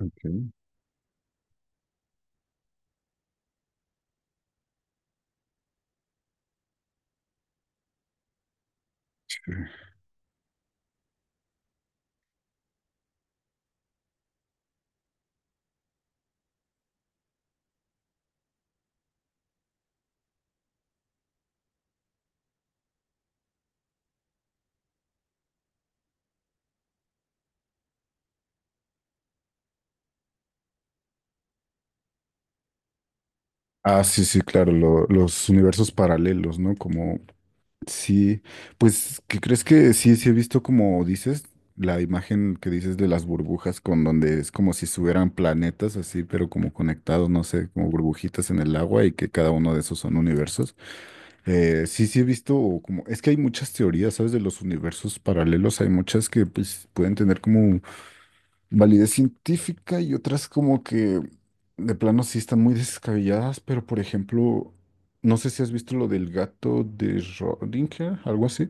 Ok. Sí. Ah, sí, sí, claro, los universos paralelos, ¿no? Como, sí, pues, ¿qué crees que sí, sí he visto como dices, la imagen que dices de las burbujas, con donde es como si estuvieran planetas así, pero como conectados, no sé, como burbujitas en el agua y que cada uno de esos son universos? Sí, sí he visto o como, es que hay muchas teorías, ¿sabes? De los universos paralelos, hay muchas que pues pueden tener como validez científica y otras como que de plano sí están muy descabelladas, pero por ejemplo, no sé si has visto lo del gato de Schrödinger, algo así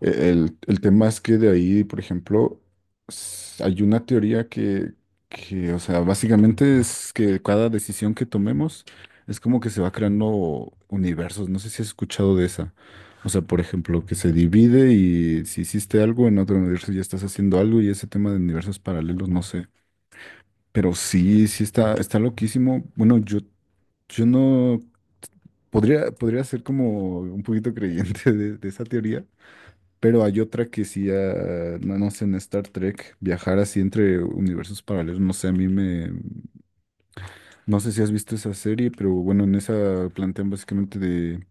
el tema es que de ahí, por ejemplo, hay una teoría que, o sea, básicamente es que cada decisión que tomemos es como que se va creando universos. No sé si has escuchado de esa. O sea, por ejemplo, que se divide y si hiciste algo en otro universo ya estás haciendo algo y ese tema de universos paralelos, no sé. Pero sí, sí está, está loquísimo. Bueno, yo no podría ser como un poquito creyente de esa teoría. Pero hay otra que sí, ah, no, no sé, en Star Trek, viajar así entre universos paralelos, no sé, a mí me... No sé si has visto esa serie, pero bueno, en esa plantean básicamente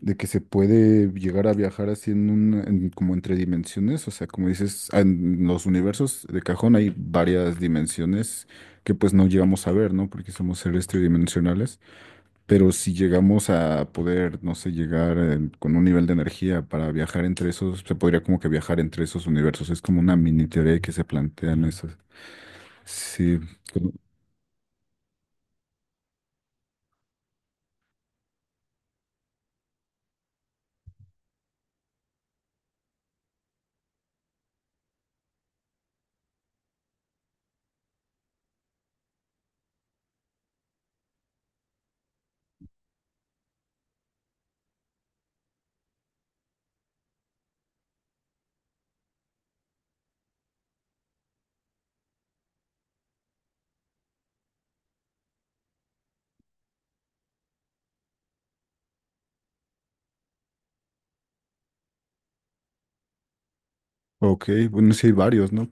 de que se puede llegar a viajar así en un, como entre dimensiones, o sea, como dices, en los universos de cajón hay varias dimensiones que pues no llegamos a ver, ¿no? Porque somos seres tridimensionales. Pero si llegamos a poder, no sé, llegar con un nivel de energía para viajar entre esos, se podría como que viajar entre esos universos. Es como una mini teoría que se plantean esas. Sí, como- ok, bueno, sí hay varios, ¿no?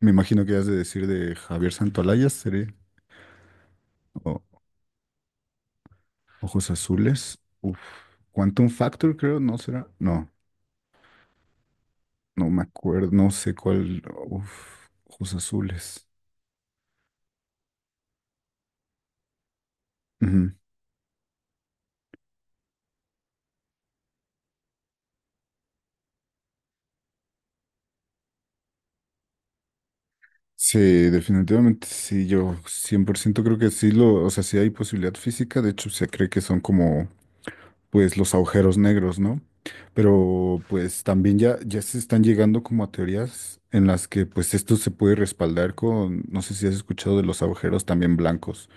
Me imagino que has de decir de Javier Santolayas, sería, o Ojos Azules. Uf, Quantum Factor, creo, ¿no será? No, no me acuerdo, no sé cuál. Uf, Ojos Azules. Sí, definitivamente sí, yo 100% creo que sí lo, o sea, sí hay posibilidad física, de hecho se cree que son como pues los agujeros negros, ¿no? Pero pues también ya se están llegando como a teorías en las que pues esto se puede respaldar con, no sé si has escuchado de los agujeros también blancos,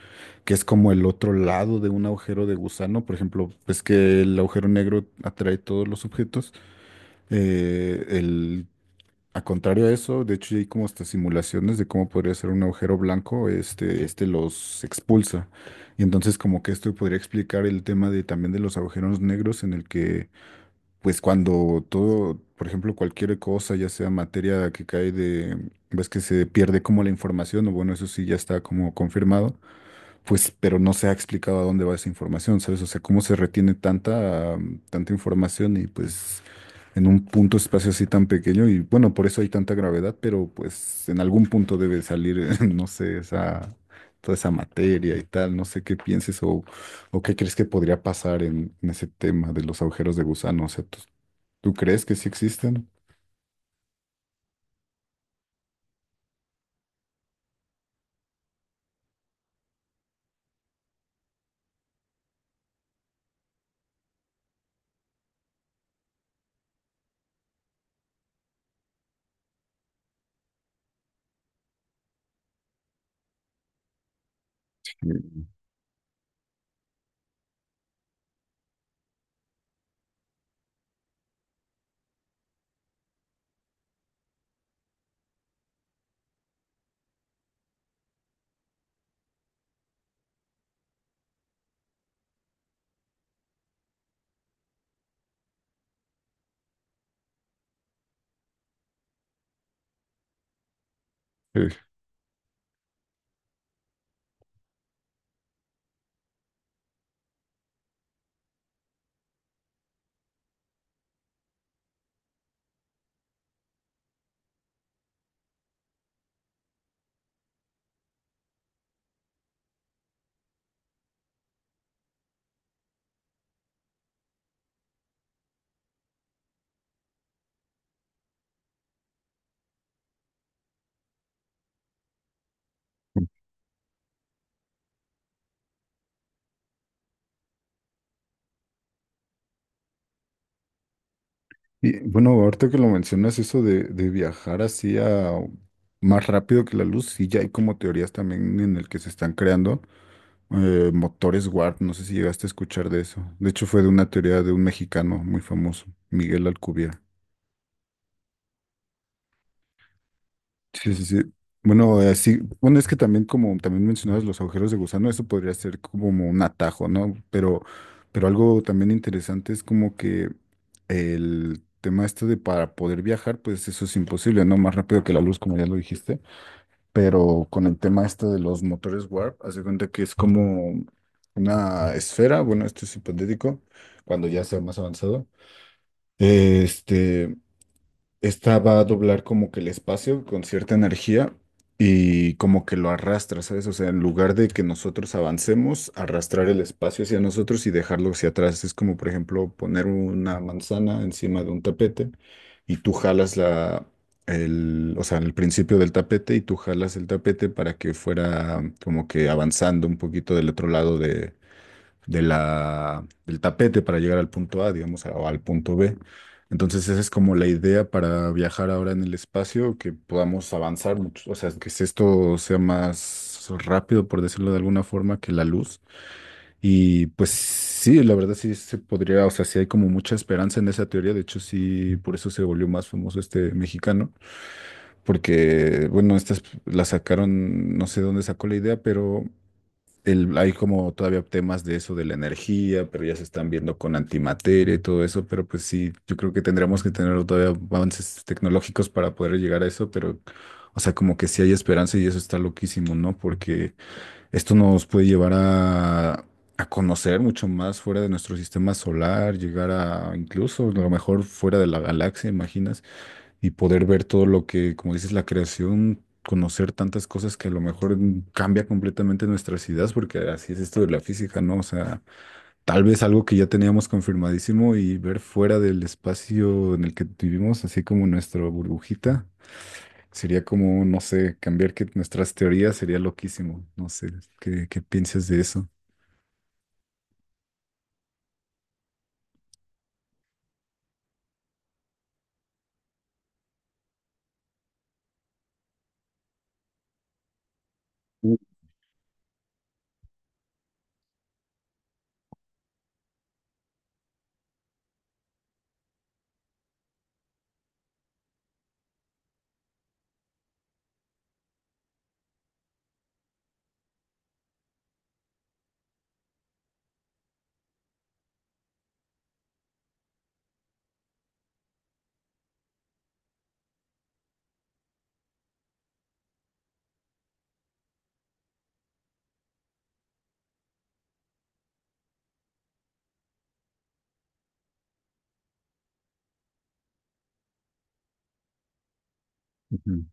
que es como el otro lado de un agujero de gusano, por ejemplo, pues que el agujero negro atrae todos los objetos, el a contrario a eso, de hecho ya hay como hasta simulaciones de cómo podría ser un agujero blanco, este los expulsa. Y entonces como que esto podría explicar el tema de también de los agujeros negros en el que, pues cuando todo, por ejemplo, cualquier cosa, ya sea materia que cae de, ves que se pierde como la información, o bueno, eso sí ya está como confirmado, pues, pero no se ha explicado a dónde va esa información, ¿sabes? O sea, cómo se retiene tanta, tanta información y pues en un punto espacio así tan pequeño y bueno, por eso hay tanta gravedad, pero pues en algún punto debe salir, no sé, esa, toda esa materia y tal, no sé qué pienses o qué crees que podría pasar en ese tema de los agujeros de gusano, o sea, ¿tú, tú crees que sí existen? Sí. Y bueno, ahorita que lo mencionas, eso de viajar así a más rápido que la luz, sí, ya hay como teorías también en el que se están creando motores warp, no sé si llegaste a escuchar de eso. De hecho, fue de una teoría de un mexicano muy famoso, Miguel Alcubierre. Sí, sí, sí. Bueno, así, bueno, es que también como también mencionabas los agujeros de gusano, eso podría ser como un atajo, ¿no? Pero algo también interesante es como que el tema este de para poder viajar, pues eso es imposible, ¿no? Más rápido que la luz, como ya lo dijiste. Pero con el tema este de los motores warp, haz de cuenta que es como una esfera, bueno, esto es hipotético, cuando ya sea más avanzado. Este Esta va a doblar como que el espacio con cierta energía y como que lo arrastra, ¿sabes? O sea, en lugar de que nosotros avancemos, arrastrar el espacio hacia nosotros y dejarlo hacia atrás. Es como, por ejemplo, poner una manzana encima de un tapete y tú jalas la, el, o sea, el principio del tapete y tú jalas el tapete para que fuera como que avanzando un poquito del otro lado de la, del tapete para llegar al punto A, digamos, o al punto B. Entonces, esa es como la idea para viajar ahora en el espacio, que podamos avanzar mucho, o sea, que si esto sea más rápido, por decirlo de alguna forma, que la luz. Y pues sí, la verdad sí se podría, o sea, sí hay como mucha esperanza en esa teoría, de hecho sí, por eso se volvió más famoso este mexicano, porque bueno, estas la sacaron, no sé dónde sacó la idea, pero hay como todavía temas de eso de la energía, pero ya se están viendo con antimateria y todo eso, pero pues sí, yo creo que tendremos que tener todavía avances tecnológicos para poder llegar a eso, pero o sea, como que sí hay esperanza y eso está loquísimo, ¿no? Porque esto nos puede llevar a conocer mucho más fuera de nuestro sistema solar, llegar a incluso a lo mejor fuera de la galaxia, imaginas y poder ver todo lo que, como dices, la creación, conocer tantas cosas que a lo mejor cambia completamente nuestras ideas, porque así es esto de la física, ¿no? O sea, tal vez algo que ya teníamos confirmadísimo y ver fuera del espacio en el que vivimos, así como nuestra burbujita, sería como, no sé, cambiar que nuestras teorías sería loquísimo. No sé, ¿qué, qué piensas de eso? Ujú.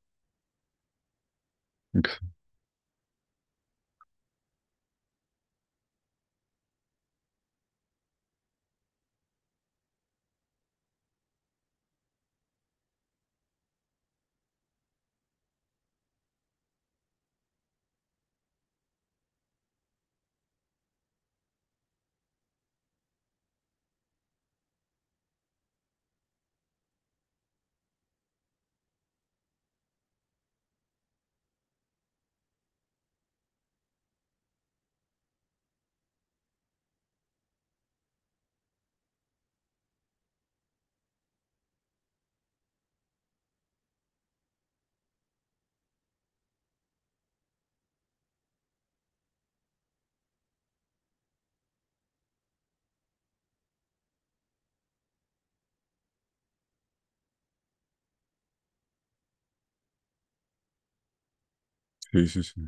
Sí, sí, sí.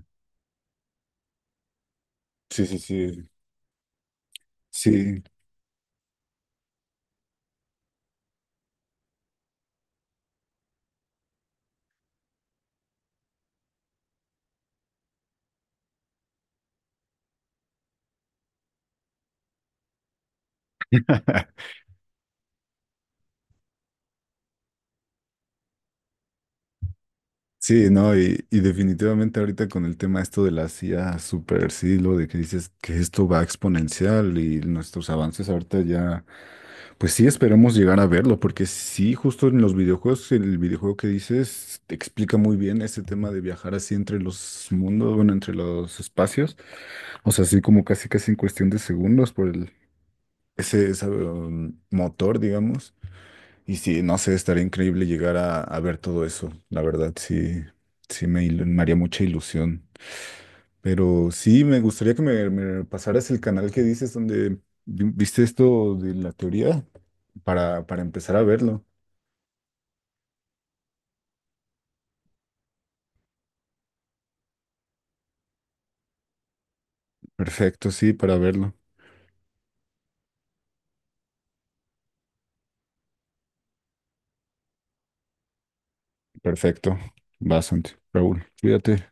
Sí, sí, sí. Sí. Sí, no, y definitivamente ahorita con el tema esto de la IA super siglo, de que dices que esto va exponencial y nuestros avances ahorita ya, pues sí esperamos llegar a verlo, porque sí, justo en los videojuegos, el videojuego que dices te explica muy bien ese tema de viajar así entre los mundos, bueno, entre los espacios, o sea, así como casi casi en cuestión de segundos por el, ese, esa, motor, digamos. Y sí, no sé, estaría increíble llegar a ver todo eso. La verdad, sí, sí me, me haría mucha ilusión. Pero sí, me gustaría que me pasaras el canal que dices donde viste esto de la teoría para empezar a verlo. Perfecto, sí, para verlo. Perfecto. Bastante. Raúl, cuídate.